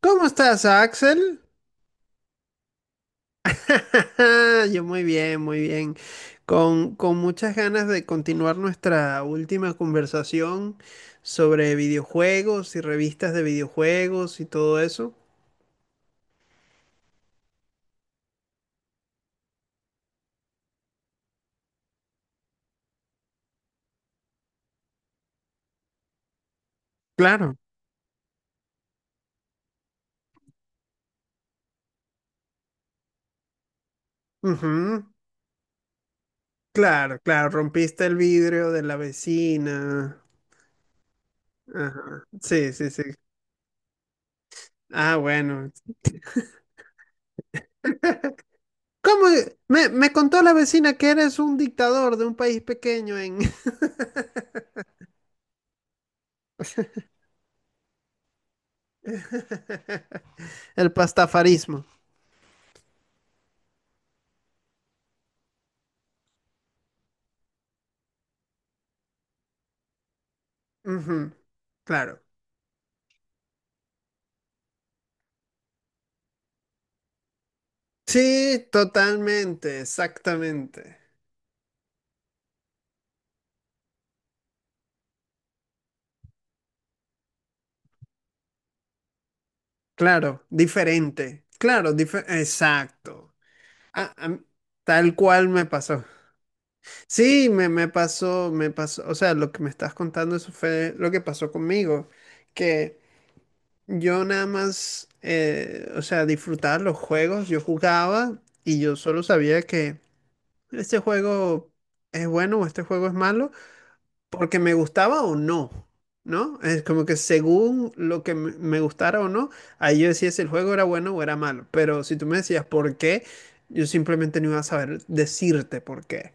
¿Cómo estás, Axel? Yo muy bien, muy bien. Con muchas ganas de continuar nuestra última conversación sobre videojuegos y revistas de videojuegos y todo eso. Claro. Ujú. Claro, claro, rompiste el vidrio de la vecina. Ajá. Sí, sí, sí. Ah, bueno. ¿Cómo? Me contó la vecina que eres un dictador de un país pequeño en el pastafarismo. Ujú. Claro. Sí, totalmente, exactamente. Claro, diferente. Claro, exacto. Ah, ah, tal cual me pasó. Sí, me pasó, me pasó. O sea, lo que me estás contando, eso fue lo que pasó conmigo. Que yo nada más, o sea, disfrutaba los juegos, yo jugaba y yo solo sabía que este juego es bueno o este juego es malo. Porque me gustaba o no, ¿no? Es como que según lo que me gustara o no, ahí yo decía si el juego era bueno o era malo. Pero si tú me decías por qué, yo simplemente no iba a saber decirte por qué.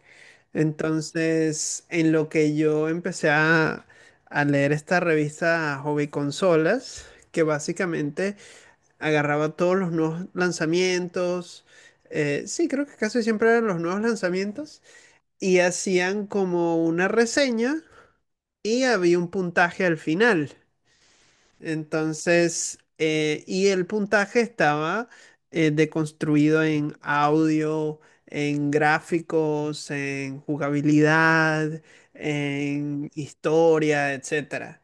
Entonces, en lo que yo empecé a leer esta revista Hobby Consolas, que básicamente agarraba todos los nuevos lanzamientos, sí, creo que casi siempre eran los nuevos lanzamientos, y hacían como una reseña y había un puntaje al final. Entonces, y el puntaje estaba deconstruido en audio, en gráficos, en jugabilidad, en historia, etcétera.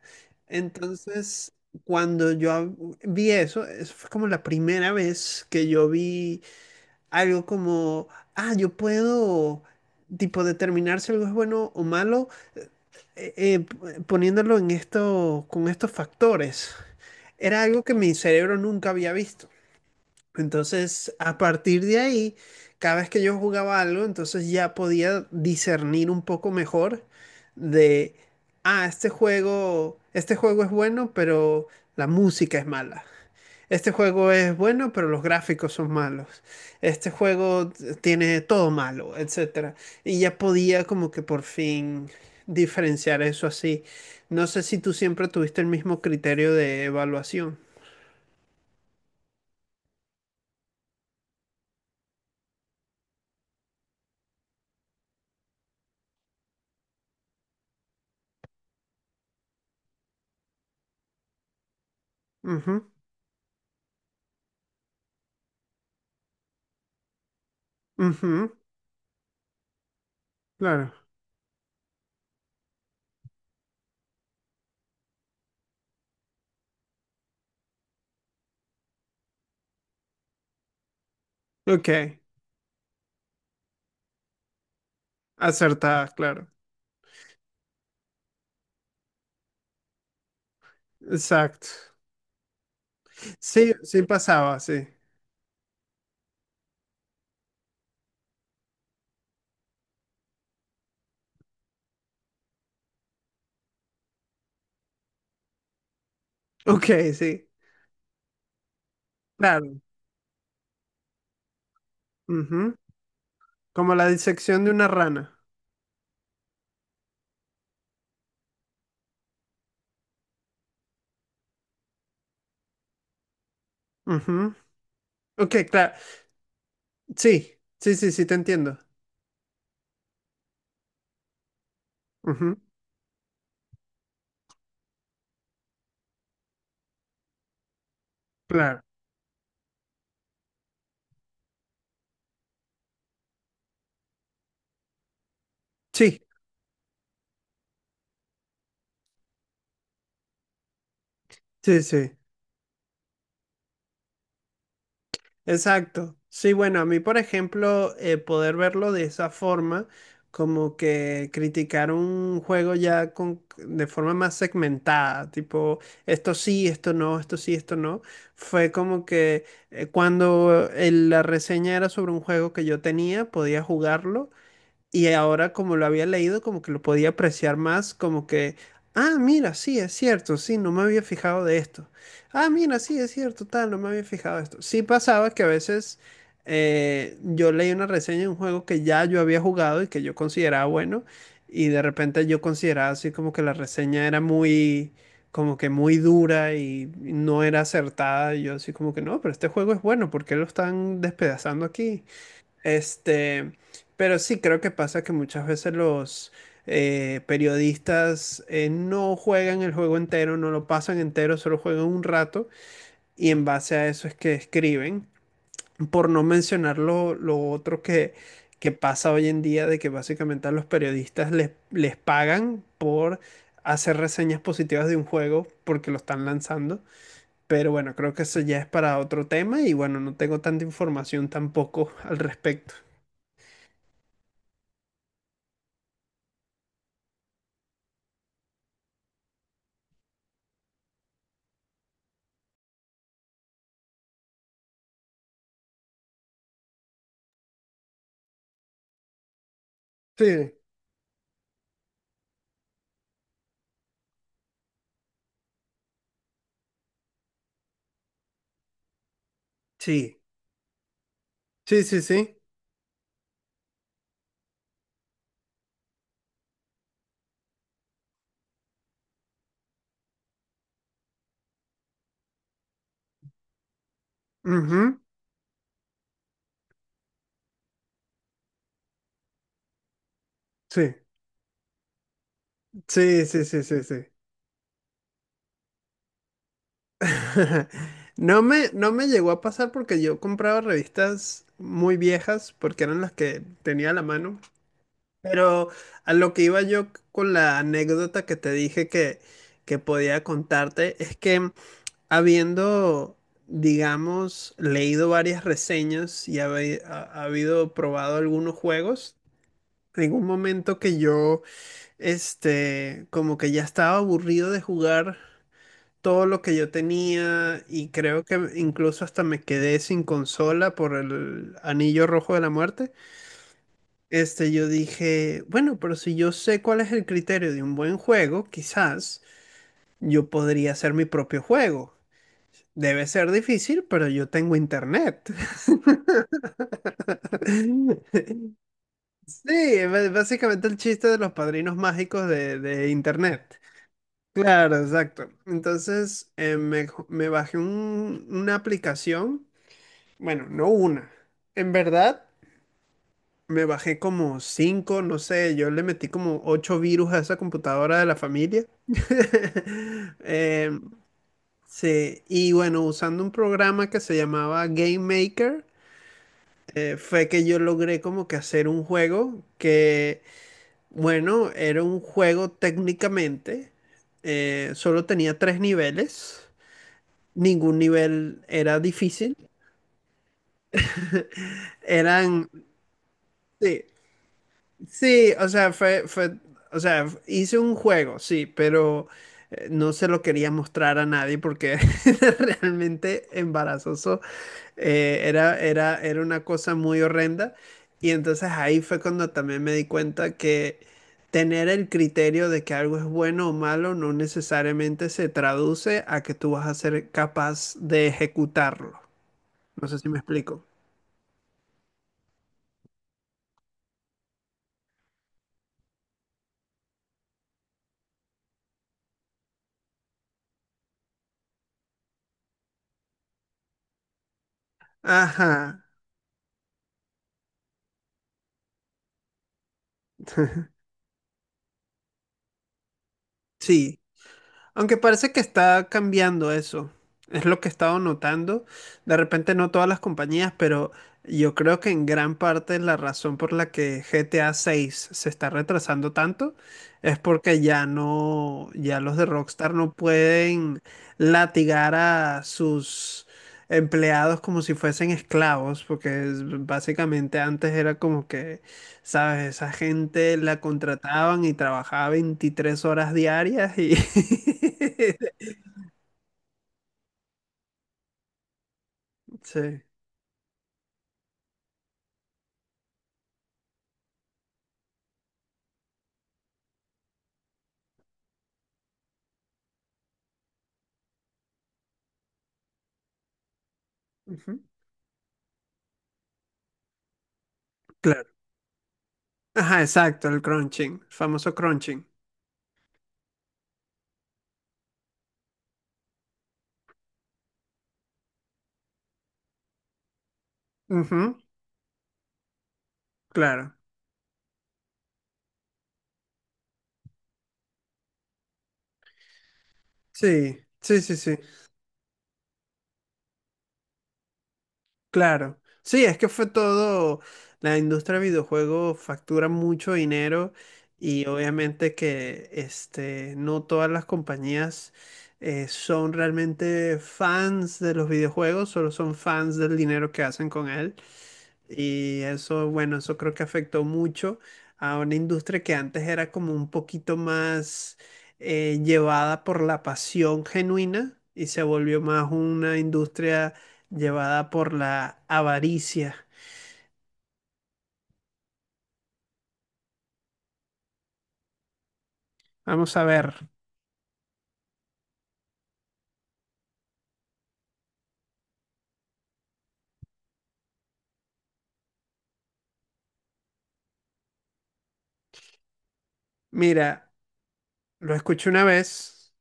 Entonces, cuando yo vi eso, eso fue como la primera vez que yo vi algo como, ah, yo puedo, tipo, determinar si algo es bueno o malo eh, eh, poniéndolo en esto, con estos factores, era algo que mi cerebro nunca había visto. Entonces, a partir de ahí, cada vez que yo jugaba algo, entonces ya podía discernir un poco mejor de, ah, este juego es bueno, pero la música es mala. Este juego es bueno, pero los gráficos son malos. Este juego tiene todo malo, etcétera. Y ya podía como que por fin diferenciar eso así. No sé si tú siempre tuviste el mismo criterio de evaluación. Ujú, ujú, claro. Ok, acertada, claro. Exacto. Sí, sí pasaba, sí. Ok, sí, claro. Ujú. Como la disección de una rana. Ujú. Ok, claro. Sí, sí, sí, sí, te entiendo. Claro. Sí, sí, sí. Exacto. Sí, bueno, a mí, por ejemplo, poder verlo de esa forma, como que criticar un juego ya con, de forma más segmentada, tipo, esto sí, esto no, esto sí, esto no, fue como que cuando la reseña era sobre un juego que yo tenía, podía jugarlo. Y ahora como lo había leído, como que lo podía apreciar más, como que, ah, mira, sí, es cierto, sí, no me había fijado de esto. Ah, mira, sí, es cierto, tal, no me había fijado de esto. Sí pasaba que a veces yo leí una reseña de un juego que ya yo había jugado y que yo consideraba bueno, y de repente yo consideraba así como que la reseña era muy, como que muy dura y no era acertada, y yo así como que, no, pero este juego es bueno, ¿por qué lo están despedazando aquí? Este, pero sí creo que pasa que muchas veces los periodistas no juegan el juego entero, no lo pasan entero, solo juegan un rato y en base a eso es que escriben. Por no mencionar lo otro que pasa hoy en día, de que básicamente a los periodistas les pagan por hacer reseñas positivas de un juego porque lo están lanzando. Pero bueno, creo que eso ya es para otro tema y bueno, no tengo tanta información tampoco al respecto. Sí. Sí, sí, sí, sí. Ujú. Sí, sí, sí, sí, sí, sí. No me, no me llegó a pasar porque yo compraba revistas muy viejas porque eran las que tenía a la mano. Pero a lo que iba yo con la anécdota que te dije que podía contarte es que habiendo, digamos, leído varias reseñas y ha habido probado algunos juegos, en un momento que yo este, como que ya estaba aburrido de jugar todo lo que yo tenía y creo que incluso hasta me quedé sin consola por el anillo rojo de la muerte. Este, yo dije, bueno, pero si yo sé cuál es el criterio de un buen juego, quizás yo podría hacer mi propio juego. Debe ser difícil, pero yo tengo internet. Sí, básicamente el chiste de los padrinos mágicos de internet. Claro, exacto. Entonces me, me bajé una aplicación, bueno, no una. En verdad, me bajé como cinco, no sé, yo le metí como ocho virus a esa computadora de la familia. Em, sí, y bueno, usando un programa que se llamaba Game Maker, fue que yo logré como que hacer un juego que, bueno, era un juego técnicamente, solo tenía tres niveles. Ningún nivel era difícil. Eran, sí, sí, o sea, o sea, hice un juego, sí, pero no se lo quería mostrar a nadie porque era realmente embarazoso. Era una cosa muy horrenda. Y entonces ahí fue cuando también me di cuenta que tener el criterio de que algo es bueno o malo no necesariamente se traduce a que tú vas a ser capaz de ejecutarlo. No sé si me explico. Ajá. Sí. Aunque parece que está cambiando eso. Es lo que he estado notando. De repente no todas las compañías, pero yo creo que en gran parte la razón por la que GTA 6 se está retrasando tanto es porque ya no, ya los de Rockstar no pueden latigar a sus empleados como si fuesen esclavos, porque básicamente antes era como que ¿sabes? Esa gente la contrataban y trabajaba 23 horas diarias y... Sí. Ujú. Claro. Ajá, exacto, el crunching, el famoso crunching. Ujú. Claro. Sí, sí, sí, sí, claro. Sí, es que fue todo, la industria de videojuegos factura mucho dinero y obviamente que este, no todas las compañías son realmente fans de los videojuegos, solo son fans del dinero que hacen con él. Y eso, bueno, eso creo que afectó mucho a una industria que antes era como un poquito más llevada por la pasión genuina y se volvió más una industria llevada por la avaricia. Vamos a ver, mira, lo escuché una vez,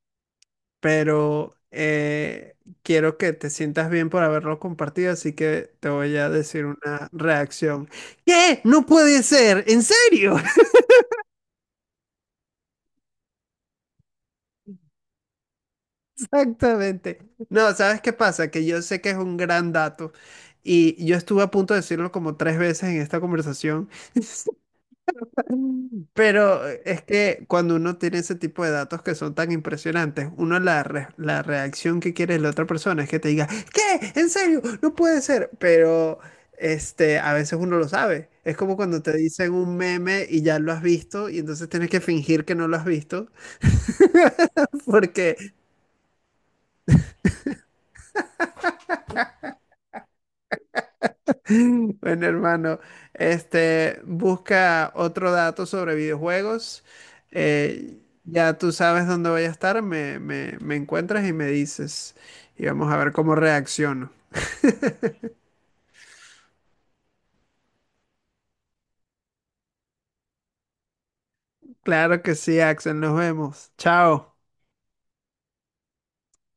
pero quiero que te sientas bien por haberlo compartido, así que te voy a decir una reacción. ¿Qué? No puede ser, ¿en serio? Exactamente. No, ¿sabes qué pasa? Que yo sé que es un gran dato y yo estuve a punto de decirlo como tres veces en esta conversación, pero es que cuando uno tiene ese tipo de datos que son tan impresionantes, uno la, la reacción que quiere la otra persona es que te diga, ¿qué? ¿En serio? No puede ser. Pero este, a veces uno lo sabe. Es como cuando te dicen un meme y ya lo has visto y entonces tienes que fingir que no lo has visto porque bueno, hermano, este, busca otro dato sobre videojuegos. Eh, ya tú sabes dónde voy a estar, me encuentras y me dices. Y vamos a ver cómo reacciono. Claro que sí, Axel, nos vemos. Chao.